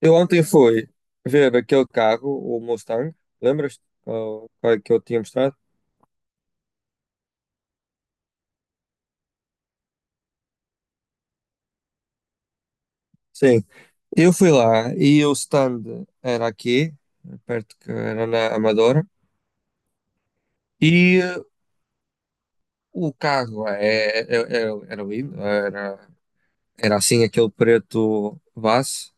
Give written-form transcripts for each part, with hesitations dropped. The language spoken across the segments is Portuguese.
Eu ontem fui ver aquele carro, o Mustang, lembras? Oh, qual é que eu tinha mostrado? Sim. Eu fui lá e o stand era aqui, perto que era na Amadora, e o carro era lindo, era, era assim aquele preto base,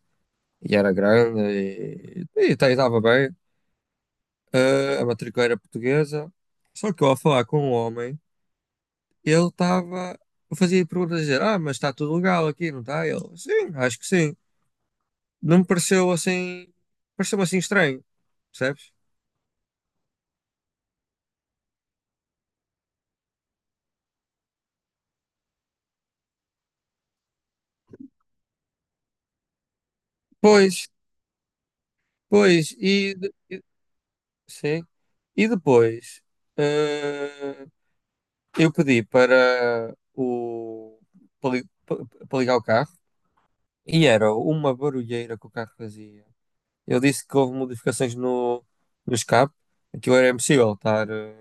e era grande, e estava bem. A matrícula era portuguesa, só que eu ao falar com o homem, ele estava. Eu fazia perguntas a dizer: Ah, mas está tudo legal aqui, não está? Ele, sim, acho que sim. Não me pareceu assim. Pareceu-me assim estranho, percebes? Pois, pois, e. Sim. E depois. eh, eu pedi para o. Para, para ligar o carro e era uma barulheira que o carro fazia. Eu disse que houve modificações no, no escape, aquilo era impossível estar,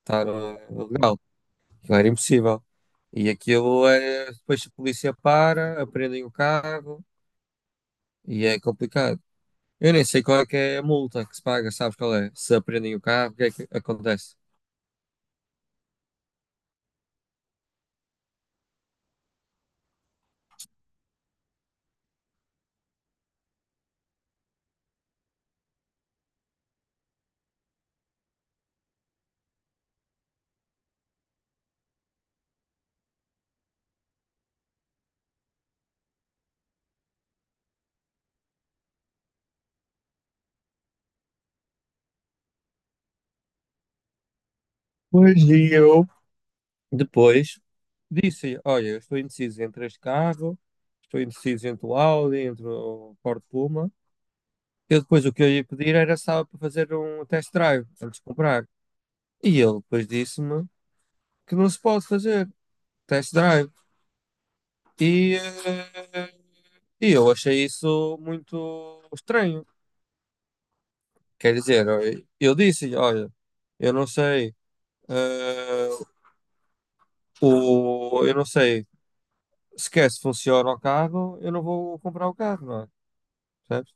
estar legal. Aquilo era impossível. E aquilo é. Depois a polícia para, aprendem o carro e é complicado. Eu nem sei qual é que é a multa que se paga, sabes qual é? Se aprendem o carro, o que é que acontece? Pois e eu. Depois disse: Olha, eu estou indeciso entre este carro, estou indeciso entre o Audi, entre o Ford Puma. Eu depois o que eu ia pedir era só para fazer um test drive antes de comprar. E ele depois disse-me que não se pode fazer test drive. E eh, e eu achei isso muito estranho. Quer dizer, eu disse, olha, eu não sei, eh, o, eu não sei sequer se funciona o carro, eu não vou comprar o carro, não é? Percebes?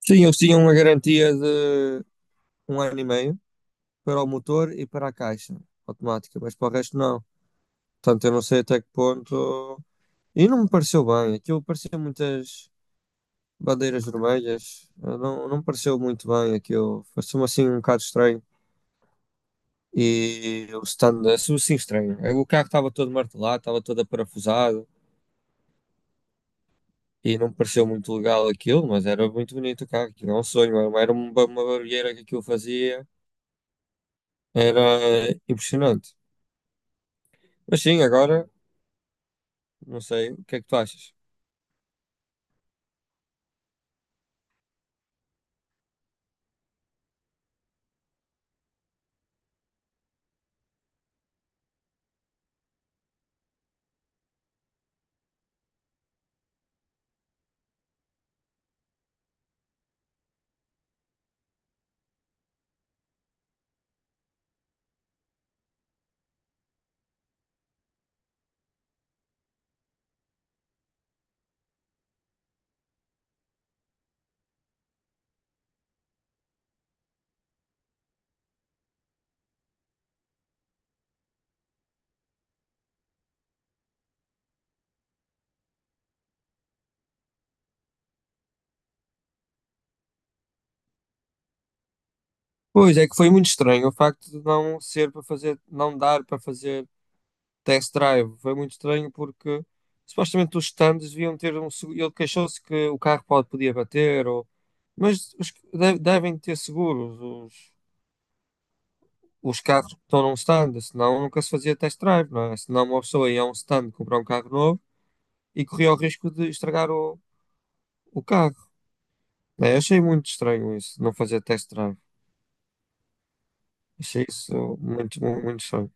Sim, eles tinham uma garantia de um ano e meio para o motor e para a caixa automática, mas para o resto não. Portanto, eu não sei até que ponto. E não me pareceu bem, aquilo parecia muitas bandeiras vermelhas, não, não me pareceu muito bem aquilo, pareceu-me assim um bocado estranho. E o stand assim estranho. É, o carro estava todo martelado, estava todo aparafusado e não me pareceu muito legal aquilo, mas era muito bonito o carro. Aquilo é um sonho, era uma, era uma barulheira que aquilo fazia, era impressionante. Mas sim, agora não sei o que é que tu achas. Pois é que foi muito estranho o facto de não ser para fazer, não dar para fazer test drive. Foi muito estranho porque supostamente os stands deviam ter um. Ele queixou-se que o carro pode, podia bater, ou, mas devem ter seguros os carros que estão num stand, senão nunca se fazia test drive, não é? Senão uma pessoa ia a um stand comprar um carro novo e corria o risco de estragar o carro. Né? Eu achei muito estranho isso, não fazer test drive. Achei isso muito, muito, muito estranho.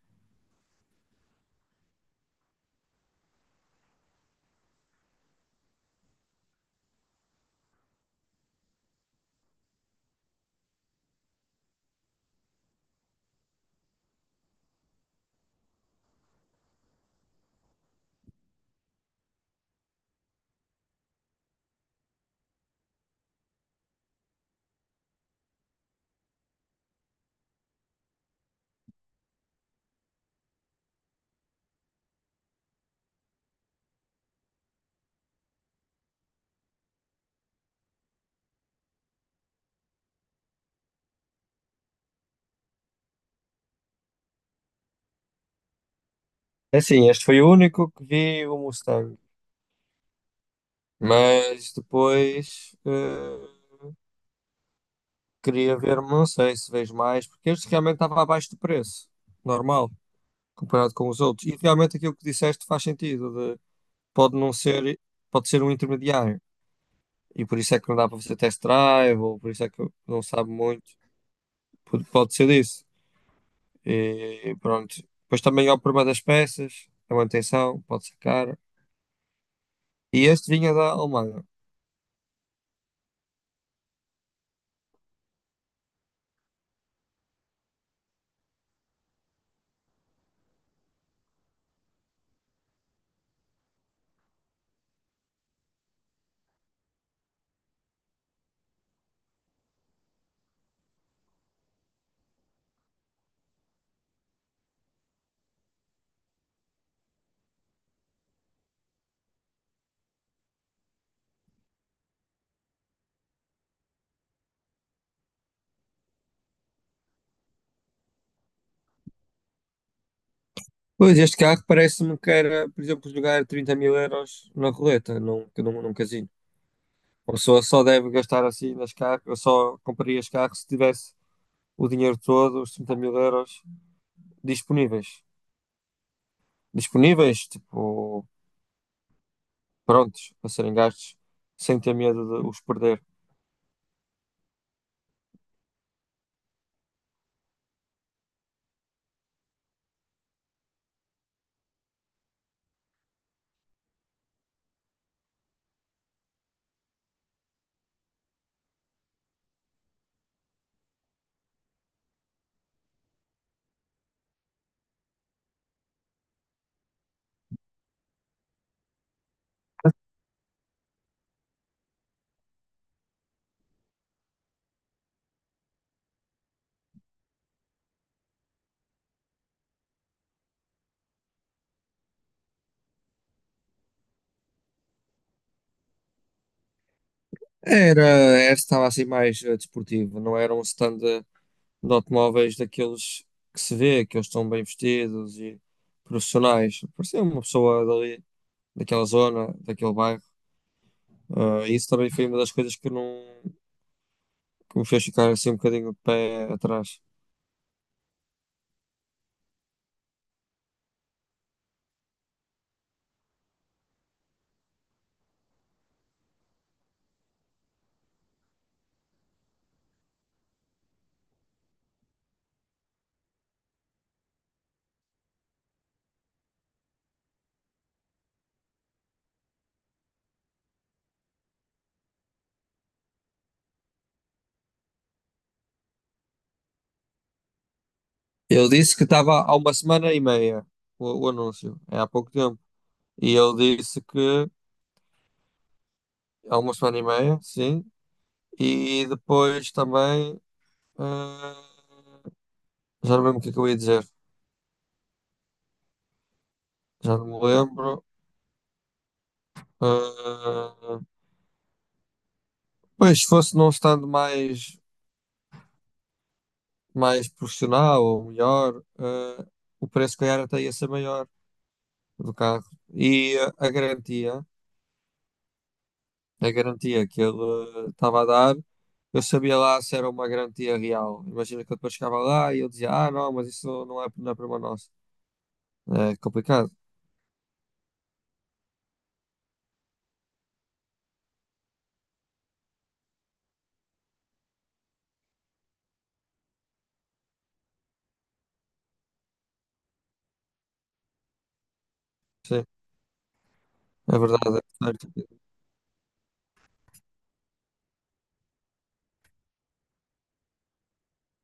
É assim, este foi o único que vi, o Mustang. Mas depois queria ver, não sei se vejo mais, porque este realmente estava abaixo do preço, normal, comparado com os outros. E realmente aquilo que disseste faz sentido, de- pode não ser, pode ser um intermediário. E por isso é que não dá para fazer test drive, ou por isso é que não sabe muito, pode, pode ser disso. E pronto. Depois também é o problema das peças, a manutenção, pode ser cara. E este vinha da Alemanha. Pois, este carro parece-me que era, por exemplo, jogar 30 mil euros na roleta, num casino. Uma pessoa só deve gastar assim nas carros, eu só compraria os carros se tivesse o dinheiro todo, os 30 mil euros disponíveis. Disponíveis, tipo, prontos para serem gastos, sem ter medo de os perder. Era, era estava assim mais desportivo, não era um stand de automóveis daqueles que se vê, que eles estão bem vestidos e profissionais. Parecia uma pessoa dali, daquela zona, daquele bairro. Isso também foi uma das coisas que não que me fez ficar assim um bocadinho de pé atrás. Ele disse que estava há uma semana e meia o anúncio, é há pouco tempo. E eu disse que há uma semana e meia, sim. E depois também. eh, já não lembro o que é que eu ia dizer. Já não me lembro. Eh, Pois, se fosse não estando mais, mais profissional ou melhor, o preço, se calhar, até ia ser maior do carro. E a garantia. A garantia que ele estava a dar, eu sabia lá se era uma garantia real. Imagina que eu depois chegava lá e eu dizia, ah, não, mas isso não é, não é problema nosso. É complicado. Sim, é verdade. É certo.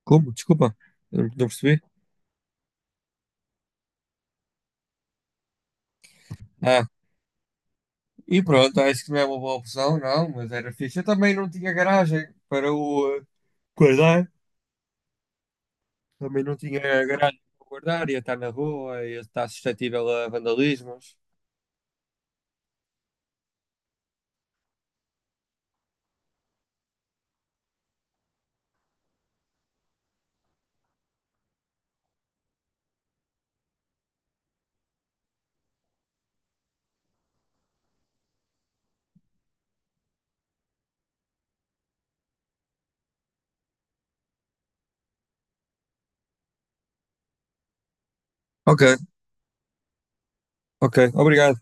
Como? Desculpa, eu não percebi. Ah, e pronto, acho que não é uma boa opção, não, mas era fixe. Eu também não tinha garagem para o guardar, também não tinha garagem para o guardar, ia estar na rua, ia estar suscetível a vandalismos. Ok, ok, obrigado.